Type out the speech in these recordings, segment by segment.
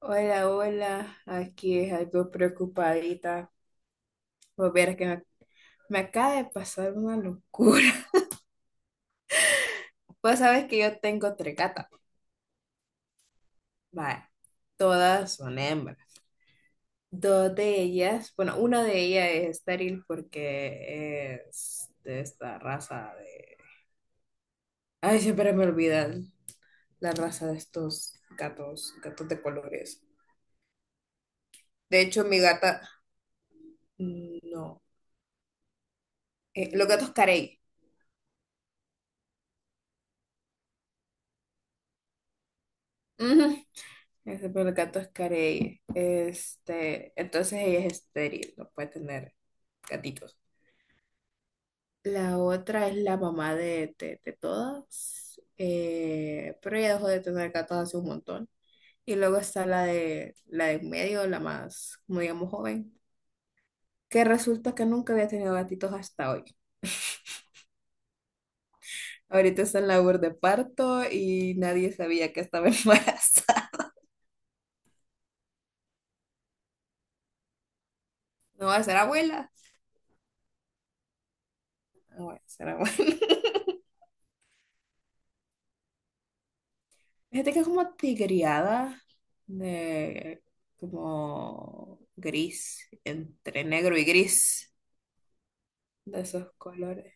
Hola, hola, aquí es algo preocupadita. Pues vieras que me acaba de pasar una locura. Pues sabes que yo tengo tres gatas. Vale, todas son hembras. Dos de ellas, bueno, una de ellas es estéril porque es de esta raza de... Ay, siempre me olvidan la raza de estos gatos, gatos de colores. De hecho, mi gata, mm, no, los gatos carey. Ese pero el gato es carey. Este, entonces ella es estéril, no puede tener gatitos. La otra es la mamá de todas, pero ella dejó de tener gatos hace un montón. Y luego está la de en medio, la más, como digamos, joven, que resulta que nunca había tenido gatitos hasta hoy. Ahorita está en labor de parto y nadie sabía que estaba embarazada. No, va a ser abuela. No, va a ser abuela. Fíjate que es como tigreada, de, como gris, entre negro y gris, de esos colores.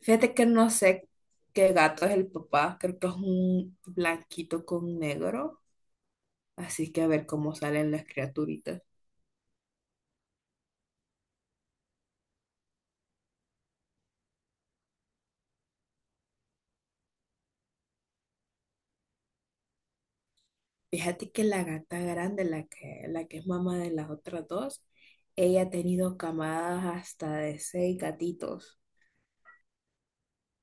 Fíjate que no sé qué gato es el papá, creo que es un blanquito con negro, así que a ver cómo salen las criaturitas. Fíjate que la gata grande, la que es mamá de las otras dos, ella ha tenido camadas hasta de 6 gatitos.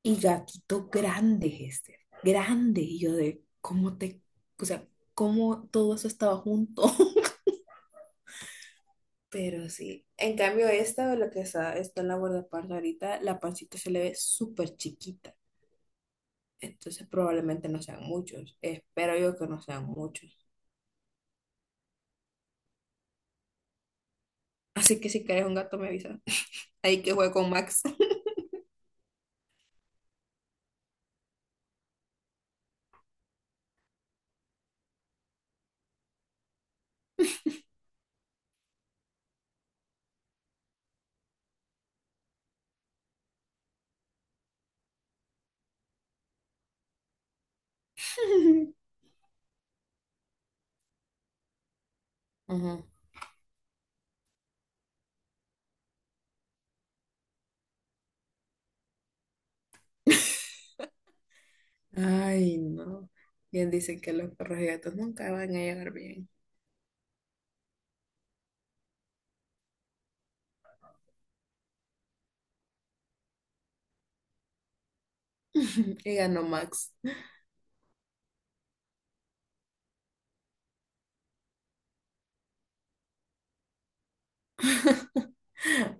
Y gatitos grandes, este, grandes. Y yo de, ¿cómo te, o sea, cómo todo eso estaba junto? Pero sí, en cambio esta, está en la guardaparda ahorita, la pancita se le ve súper chiquita. Entonces probablemente no sean muchos. Espero yo que no sean muchos. Así que si quieres un gato me avisa. Ahí que juego con Max. Ajá. Ay, no. Bien dicen que los perros y gatos nunca van a llegar bien. Y ganó Max.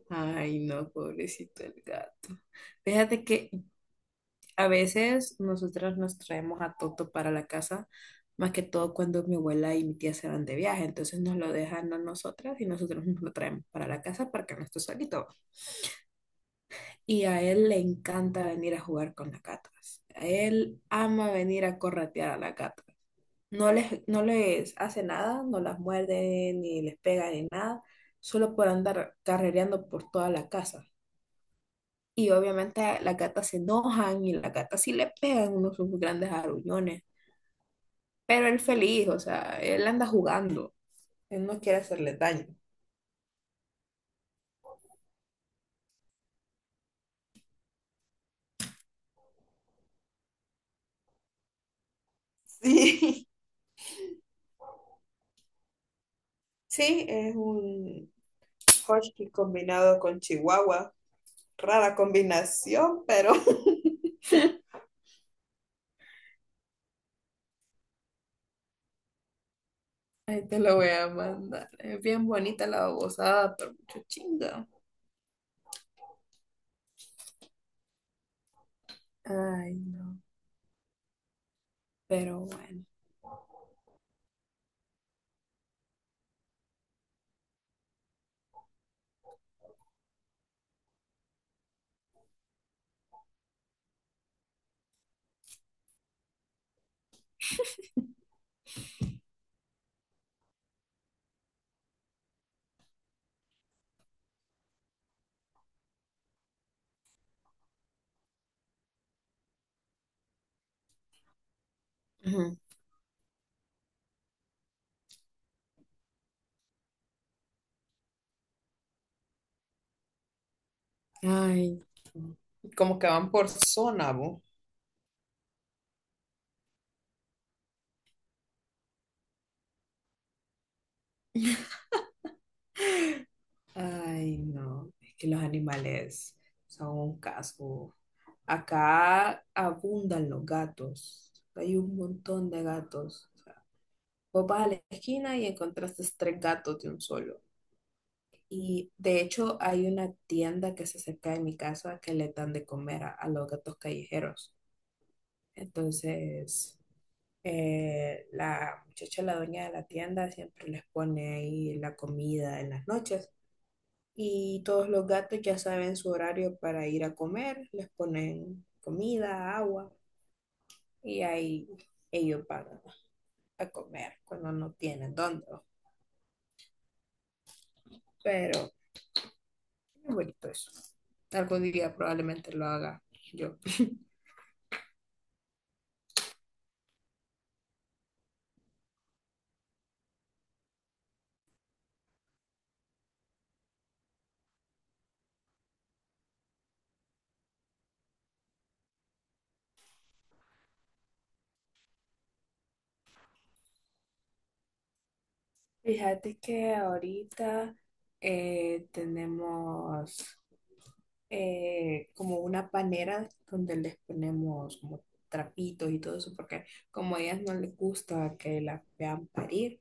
Ay, no, pobrecito el gato. Fíjate que a veces nosotras nos traemos a Toto para la casa, más que todo cuando mi abuela y mi tía se van de viaje, entonces nos lo dejan a nosotras y nosotros nos lo traemos para la casa para que no esté solito. Y a él le encanta venir a jugar con las gatas. A él ama venir a corretear a las gatas. No les hace nada, no las muerde, ni les pega, ni nada, solo por andar carrereando por toda la casa. Y obviamente las gatas se enojan y las gatas sí le pegan unos sus grandes arullones. Pero él feliz, o sea, él anda jugando. Él no quiere hacerle daño. Sí, sí, es un husky combinado con chihuahua. Rara combinación, pero ahí te lo voy a mandar. Es bien bonita la babosada, pero mucho chinga. Ay, no. Pero bueno. Ay. Como que van por zona, vos. Ay, no, es que los animales son un caso. Acá abundan los gatos. Hay un montón de gatos. O sea, vos vas a la esquina y encontraste tres gatos de un solo. Y de hecho hay una tienda que se acerca de mi casa que le dan de comer a los gatos callejeros. Entonces, la muchacha, la dueña de la tienda, siempre les pone ahí la comida en las noches. Y todos los gatos ya saben su horario para ir a comer, les ponen comida, agua, y ahí ellos van a comer cuando no tienen dónde, ¿no? Pero es bonito eso. Algún día probablemente lo haga yo. Fíjate que ahorita, tenemos, como una panera donde les ponemos como trapitos y todo eso, porque como a ellas no les gusta que las vean parir.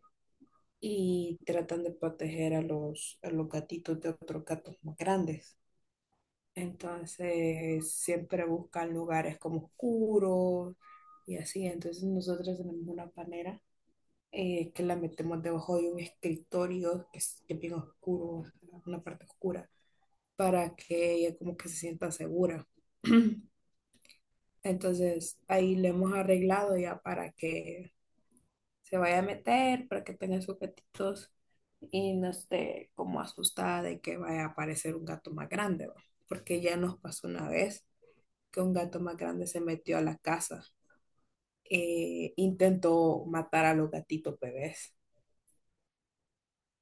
Y tratan de proteger a los gatitos de otros gatos más grandes. Entonces siempre buscan lugares como oscuros y así. Entonces nosotros tenemos una panera, que la metemos debajo de un escritorio que es bien oscuro, una parte oscura, para que ella como que se sienta segura. Entonces ahí le hemos arreglado ya para que se vaya a meter, para que tenga sus gatitos y no esté como asustada de que vaya a aparecer un gato más grande, ¿va? Porque ya nos pasó una vez que un gato más grande se metió a la casa, intentó matar a los gatitos bebés,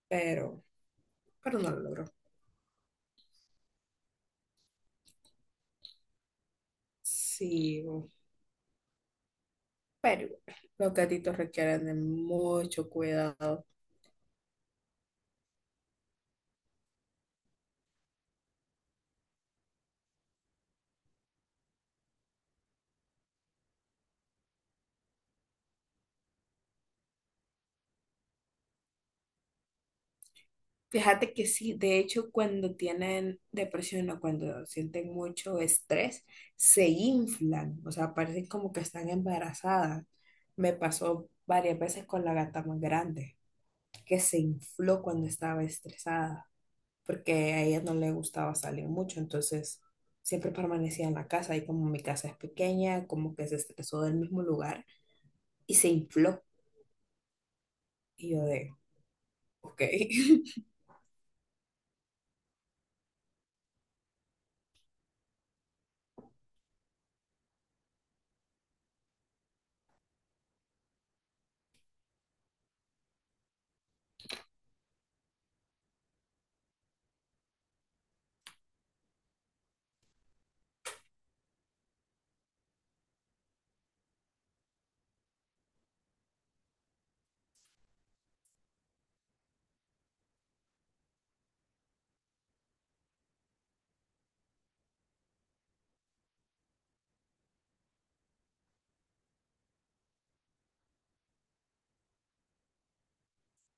pero, pero no lo logró. Sí, pero los gatitos requieren de mucho cuidado. Fíjate que sí, de hecho, cuando tienen depresión o cuando sienten mucho estrés, se inflan, o sea, parecen como que están embarazadas. Me pasó varias veces con la gata más grande, que se infló cuando estaba estresada, porque a ella no le gustaba salir mucho, entonces siempre permanecía en la casa y como mi casa es pequeña, como que se estresó del mismo lugar y se infló. Y yo de, ok.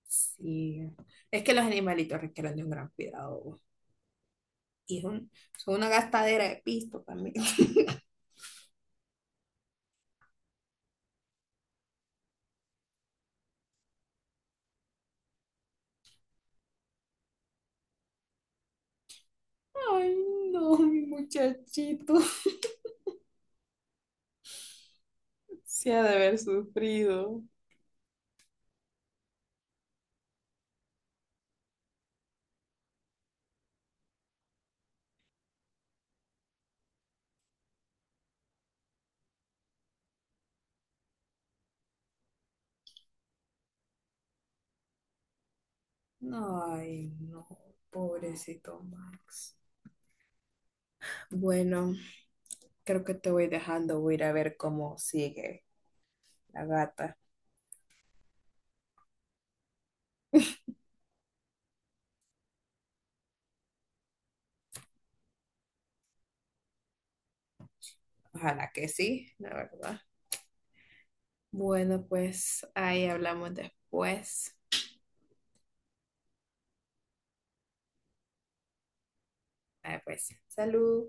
Sí, es que los animalitos requieren de un gran cuidado. Y es una gastadera de pisto también. Ay, no, mi muchachito. Se ha de haber sufrido. Ay, no, pobrecito Max. Bueno, creo que te voy dejando. Voy a ir a ver cómo sigue la gata. Ojalá que sí, la verdad. Bueno, pues ahí hablamos después. Ah, pues, salud.